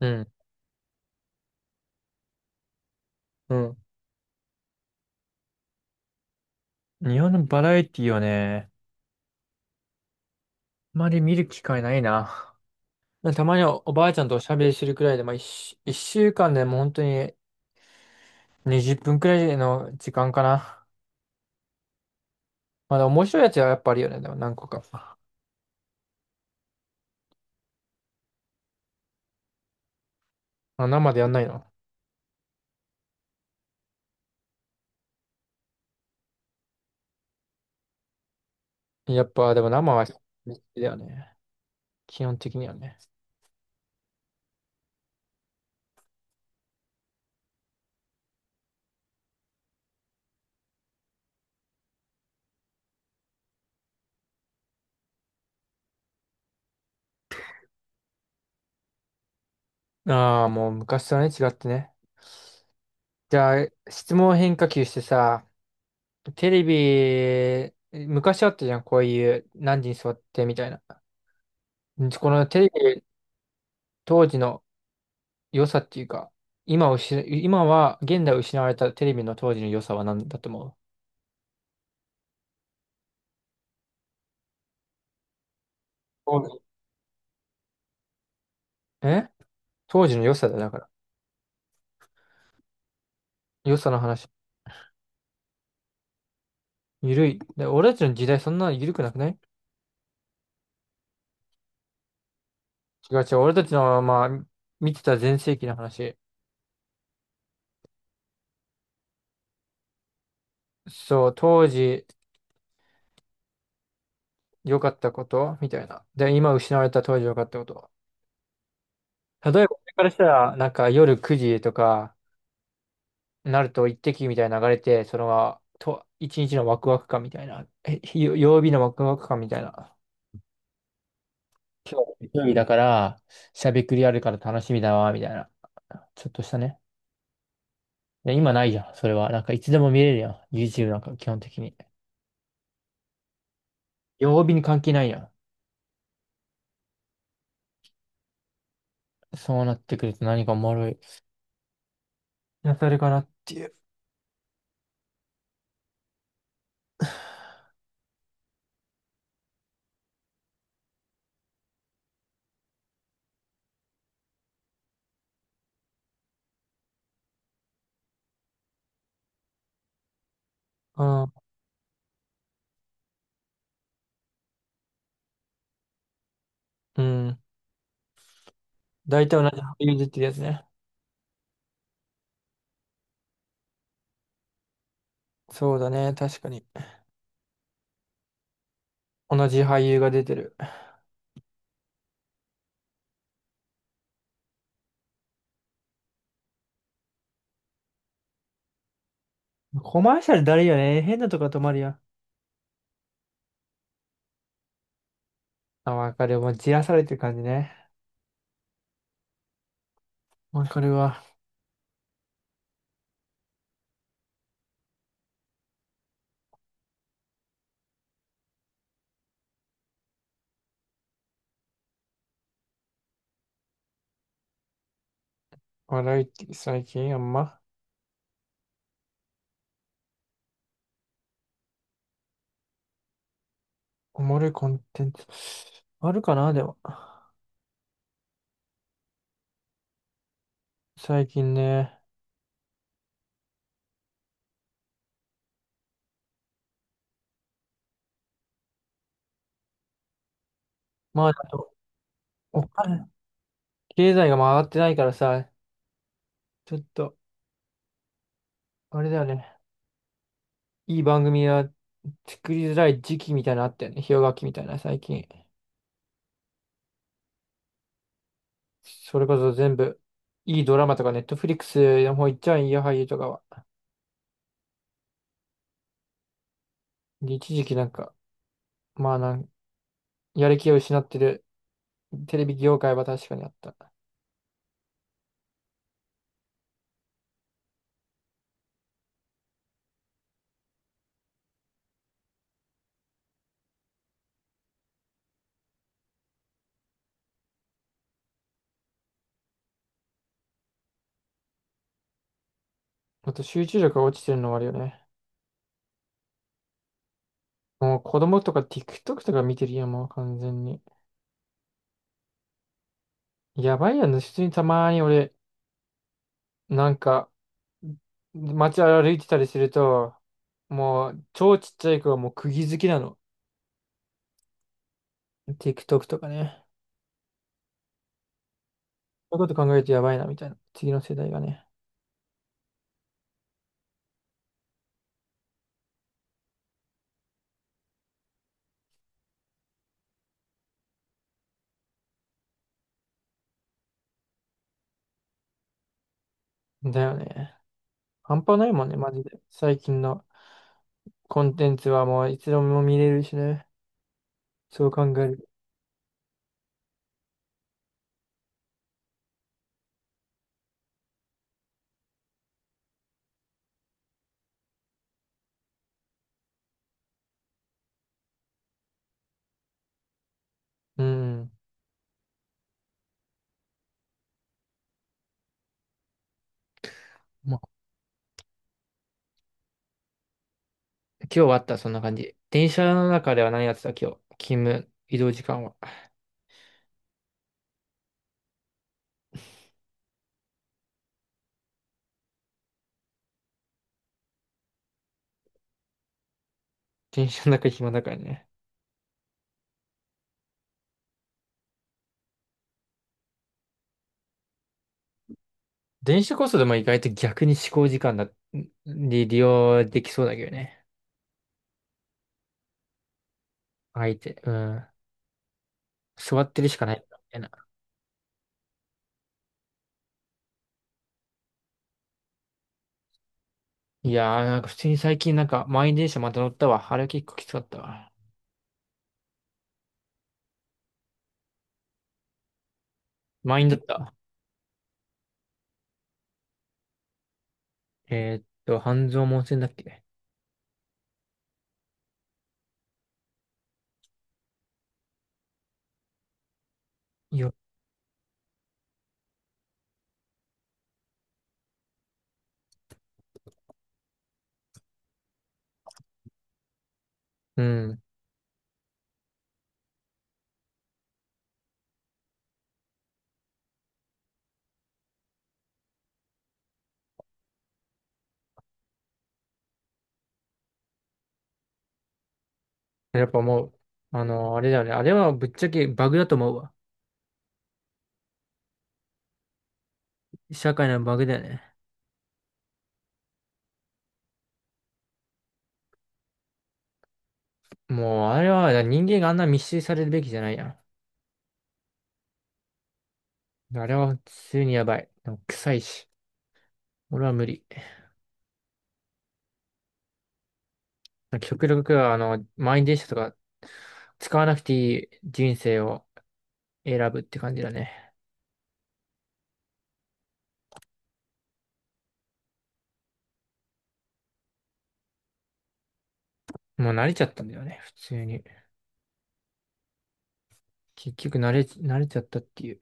うん。うん。日本のバラエティはね、あまり見る機会ないな。たまにおばあちゃんとおしゃべりするくらいで、まあ、一週間でも本当に20分くらいの時間かな。まだ面白いやつはやっぱあるよね。でも何個か。あ、生でやんないの？やっぱ、でも生は好きだよね。基本的にはね。ああ、もう昔とはね、違ってね。じゃあ、質問変化球してさ、テレビ、昔あったじゃん、こういう何時に座ってみたいな。このテレビ当時の良さっていうか、今をし、今は、現代失われたテレビの当時の良さは何だと思う？時え当時の良さだよ、だから。良さの話。ゆるい。で、俺たちの時代そんな緩くなくない？違う違う。俺たちの、まあ、見てた全盛期の話。そう、当時良かったことみたいな。で、今失われた当時良かったこと。例えば、これからしたら、なんか夜9時とかなると一滴みたいな流れて、一日のワクワク感みたいな。曜日のワクワク感みたいな。一人だから、しゃべくりあるから楽しみだわ、みたいな。ちょっとしたね。いや、今ないじゃん、それは。なんかいつでも見れるやん。YouTube なんか基本的に。曜日に関係ないやん。そうなってくると何かおもろい。やされかなっていう。うん。うん。大体同じ俳優出てるやつね。そうだね、確かに。同じ俳優が出てる。コマーシャルだるいよね。変なとこ止まるやん。あ、わかる。もうじらされてる感じね。わかるわ。笑いって最近あんま、おもろいコンテンツ。あるかな、でも。最近ね。まあ、あと、お金、経済が回ってないからさ、ちょっと、あれだよね。いい番組は作りづらい時期みたいなのあったよね。氷河期みたいな、最近。それこそ全部、いいドラマとか、ネットフリックスの方行っちゃうんや、俳優とかは。で一時期なんか、まあなん、やる気を失ってるテレビ業界は確かにあった。あと、集中力が落ちてるのはあるよね。もう子供とか TikTok とか見てるやん、もう完全に。やばいやん、普通にたまに俺、なんか、街歩いてたりすると、もう超ちっちゃい子はもう釘付きなの。TikTok とかね。そういうこと考えるとやばいなみたいな。次の世代がね。だよね。半端ないもんね、マジで。最近のコンテンツはもういつでも見れるしね。そう考える。うん。もう今日はあった、そんな感じ。電車の中では何やってた、今日？勤務、移動時間は。電車の中暇だからね。電子こそでも意外と逆に思考時間だ、に利用できそうだけどね。相手、うん。座ってるしかないみたいな。いやー、なんか普通に最近なんか満員電車また乗ったわ。あれは結構きつかったわ。満員だった。半蔵門線だっけよ、うん。やっぱもう、あれだよね。あれはぶっちゃけバグだと思うわ。社会のバグだよね。もう、あれは人間があんな密集されるべきじゃないやん。あれは普通にやばい。でも臭いし。俺は無理。なんか極力、あの、満員電車とか使わなくていい人生を選ぶって感じだね。もう慣れちゃったんだよね、普通に。結局慣れちゃったっていう。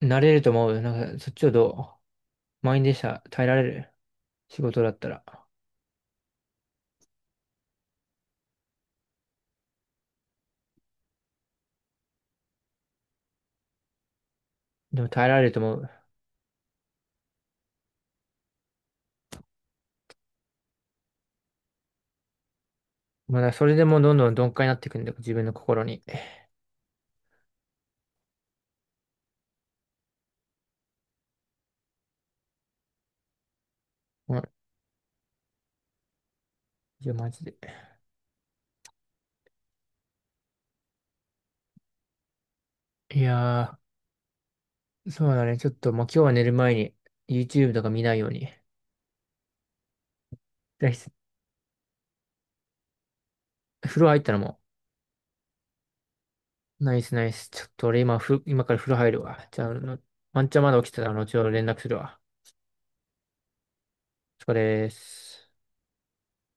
慣れると思う。なんか、そっちをどう満員電車耐えられる仕事だったら。でも耐えられると思う。まあ、それでもうどんどん鈍化になっていくんだよ、自分の心に。うん、いや、マジで。いやー、そうだね。ちょっと、もう今日は寝る前に YouTube とか見ないように。で風呂入ったらもうナイスナイス。ちょっと俺今から風呂入るわ。じゃあ、あのワンチャンまだ起きてたら後ほど連絡するわ。お疲れです。